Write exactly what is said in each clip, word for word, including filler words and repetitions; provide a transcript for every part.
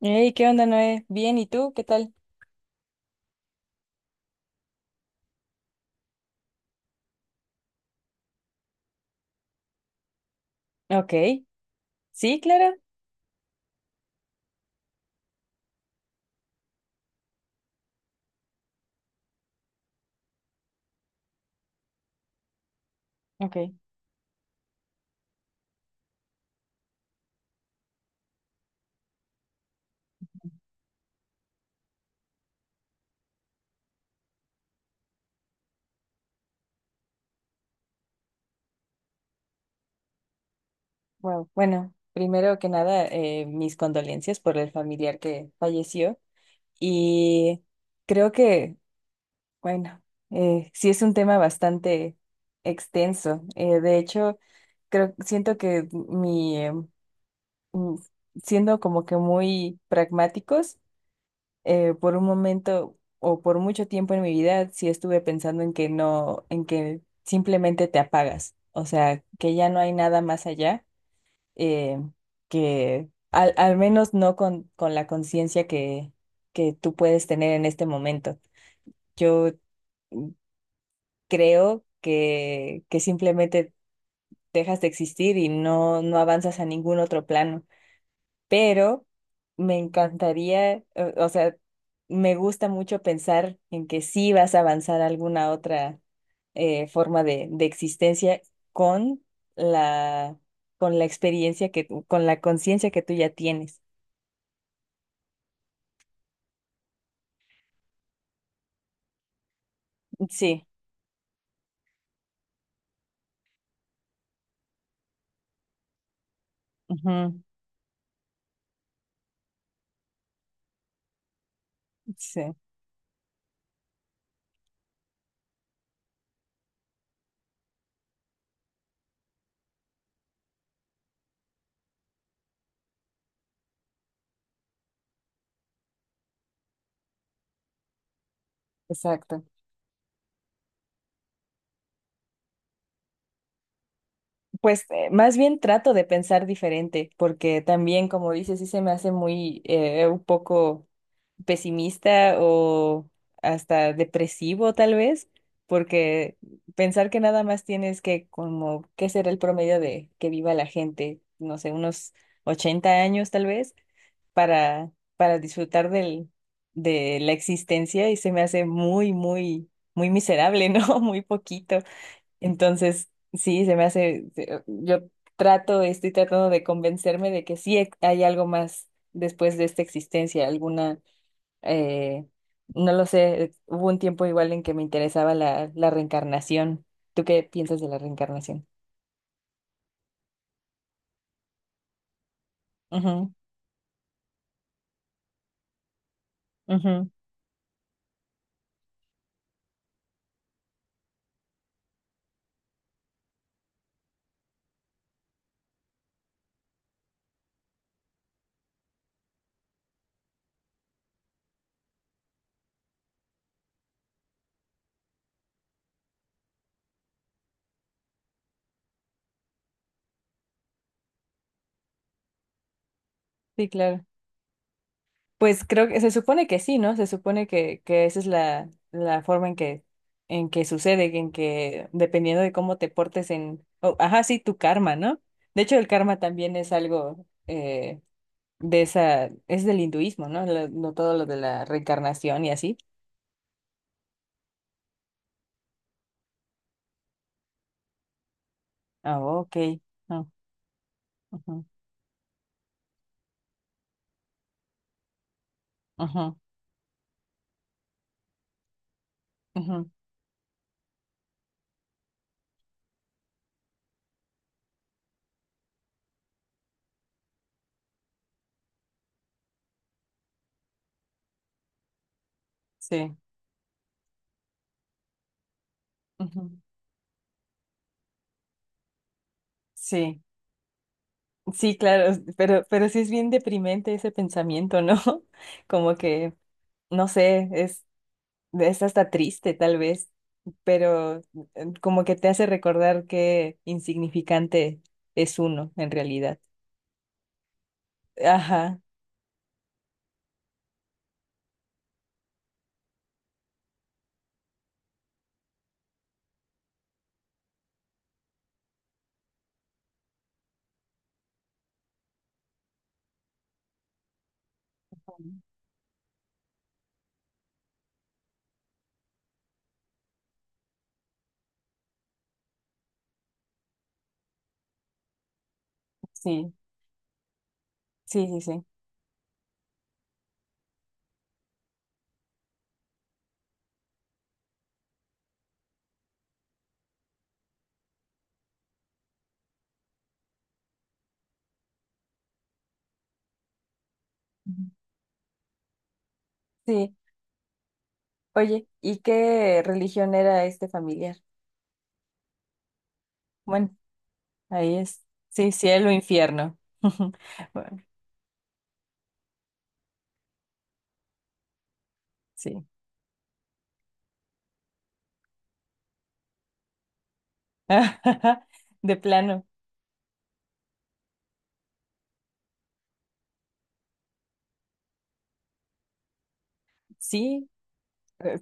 Hey, ¿qué onda, Noé? Bien, ¿y tú? ¿Qué tal? Ok, sí, claro. Ok, wow. Bueno, primero que nada, eh, mis condolencias por el familiar que falleció. Y creo que, bueno, eh, sí es un tema bastante extenso. Eh, de hecho, creo, siento que mi, em, mm, siendo como que muy pragmáticos, eh, por un momento o por mucho tiempo en mi vida, sí estuve pensando en que no, en que simplemente te apagas, o sea, que ya no hay nada más allá, eh, que al, al menos no con, con la conciencia que, que tú puedes tener en este momento. Yo creo que, que simplemente dejas de existir y no, no avanzas a ningún otro plano. Pero me encantaría, eh, o sea, me gusta mucho pensar en que sí vas a avanzar a alguna otra eh, forma de, de existencia con la, con la experiencia que tú, con la conciencia que tú ya tienes. Sí, ujú, sí, exacto. Pues eh, más bien trato de pensar diferente, porque también, como dices, sí se me hace muy eh, un poco pesimista o hasta depresivo tal vez, porque pensar que nada más tienes que como, ¿qué será el promedio de que viva la gente? No sé, unos ochenta años tal vez, para, para disfrutar del, de la existencia y se me hace muy, muy, muy miserable, ¿no? Muy poquito. Entonces, sí, se me hace, se- yo trato, estoy tratando de convencerme de que sí hay algo más después de esta existencia, alguna eh, no lo sé, hubo un tiempo igual en que me interesaba la, la reencarnación. ¿Tú qué piensas de la reencarnación? Ujú, ujú, sí, claro. Pues creo que se supone que sí, ¿no? Se supone que, que esa es la, la forma en que, en que sucede, en que dependiendo de cómo te portes en, oh, ajá, sí, tu karma, ¿no? De hecho, el karma también es algo eh, de esa, es del hinduismo, ¿no? Lo- no todo lo de la reencarnación y así. Ah, ok. Ah, ujú, ujú, ujú. Sí, ujú, sí, sí, claro, s- pero, pero sí es bien deprimente ese pensamiento, ¿no? Como que, no sé, es, es hasta triste tal vez, pero eh, como que te hace recordar qué insignificante es uno en realidad. Ajá, sí, sí, sí, sí. Ujú. Sí, oye, ¿y qué religión era este familiar? Bueno, ahí es, sí, cielo, infierno. Bueno, sí, de plano. Sí, eh,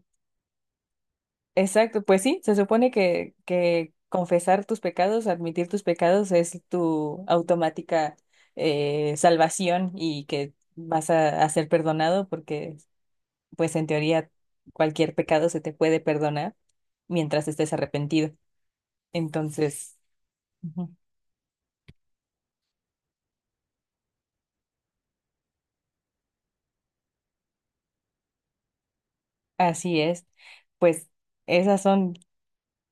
exacto. Pues sí, se supone que, que confesar tus pecados, admitir tus pecados es tu automática eh, salvación y que vas a, a ser perdonado porque, pues en teoría, cualquier pecado se te puede perdonar mientras estés arrepentido. Entonces, ujú, así es. Pues esas son,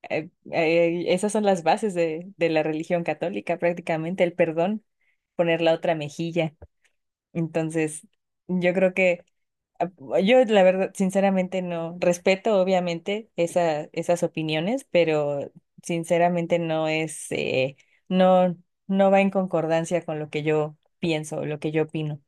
eh, eh, esas son las bases de, de la religión católica, prácticamente el perdón, poner la otra mejilla. Entonces, yo creo que ah, yo la verdad, sinceramente no respeto obviamente esa, esas opiniones, pero sinceramente no es, eh, no, no va en concordancia con lo que yo pienso, lo que yo opino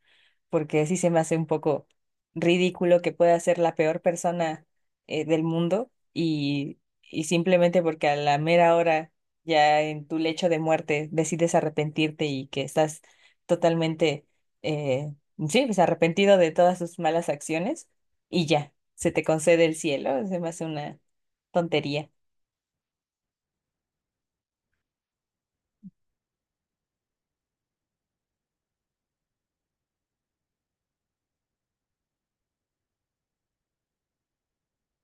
porque sí se me hace un poco ridículo que pueda ser la peor persona eh, del mundo y, y simplemente porque a la mera hora, ya en tu lecho de muerte, decides arrepentirte y que estás totalmente, eh, sí, pues arrepentido de todas tus malas acciones y ya, se te concede el cielo, se me hace una tontería.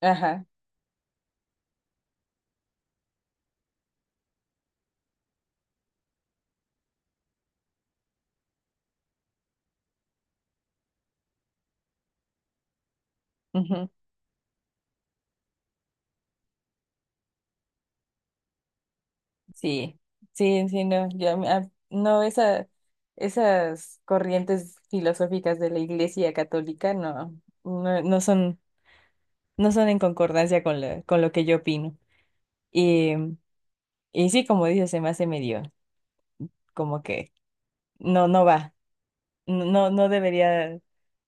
Ajá. Sí, sí, sí, no, yo, a mí- a- no, esa, esas corrientes filosóficas de la Iglesia Católica no, no, no son, no son en concordancia con la- con lo que yo opino. Y, y sí, como dices, se me hace medio, como que no, no va, no, no no debería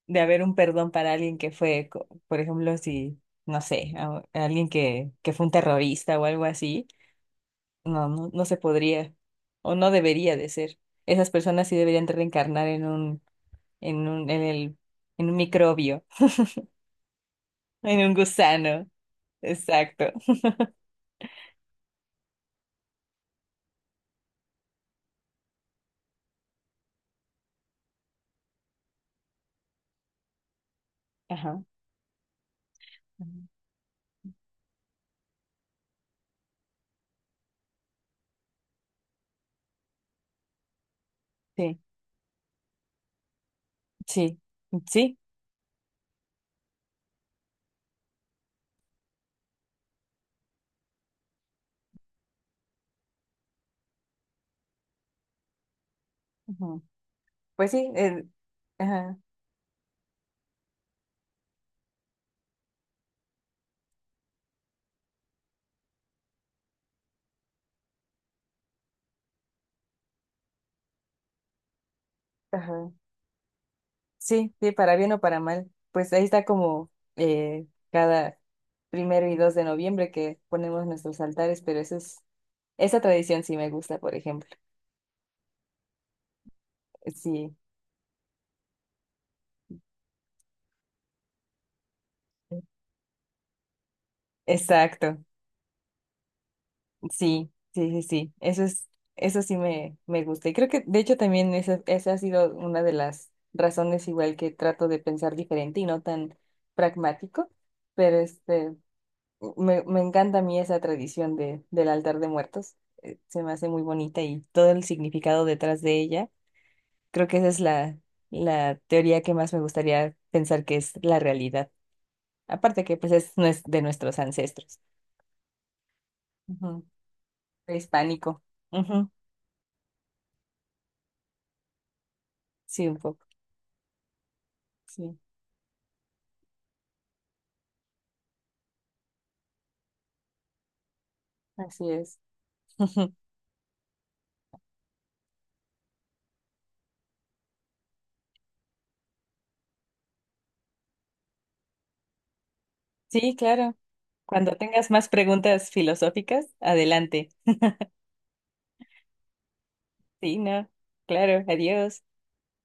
de haber un perdón para alguien que fue, co- por ejemplo, si, no sé, a- a alguien que, que fue un terrorista o algo así. No, no, no se podría o no debería de ser. Esas personas sí deberían de reencarnar en un, en un, en el, en un microbio, en un gusano. Exacto. Ajá. Ujú. Sí, sí, sí. Ujú. Pues sí, eh, ajá, ajá. Sí, sí, para bien o para mal. Pues ahí está como eh, cada primero y dos de noviembre que ponemos nuestros altares, pero eso es, esa tradición sí me gusta, por ejemplo. Sí, exacto. Sí, sí, sí, sí. Eso es, eso sí me, me gusta. Y creo que, de hecho, también esa, esa ha sido una de las razones igual que trato de pensar diferente y no tan pragmático. Pero este, me, me encanta a mí esa tradición de, del altar de muertos. Eh, Se me hace muy bonita y todo el significado detrás de ella. Creo que esa es la, la teoría que más me gustaría pensar que es la realidad. Aparte que pues es nues- de nuestros ancestros. Ujú. Prehispánico. Ujú. Sí, un poco. Sí, así es. Sí, claro. Cuando tengas más preguntas filosóficas, adelante. Sí, no. Claro, adiós.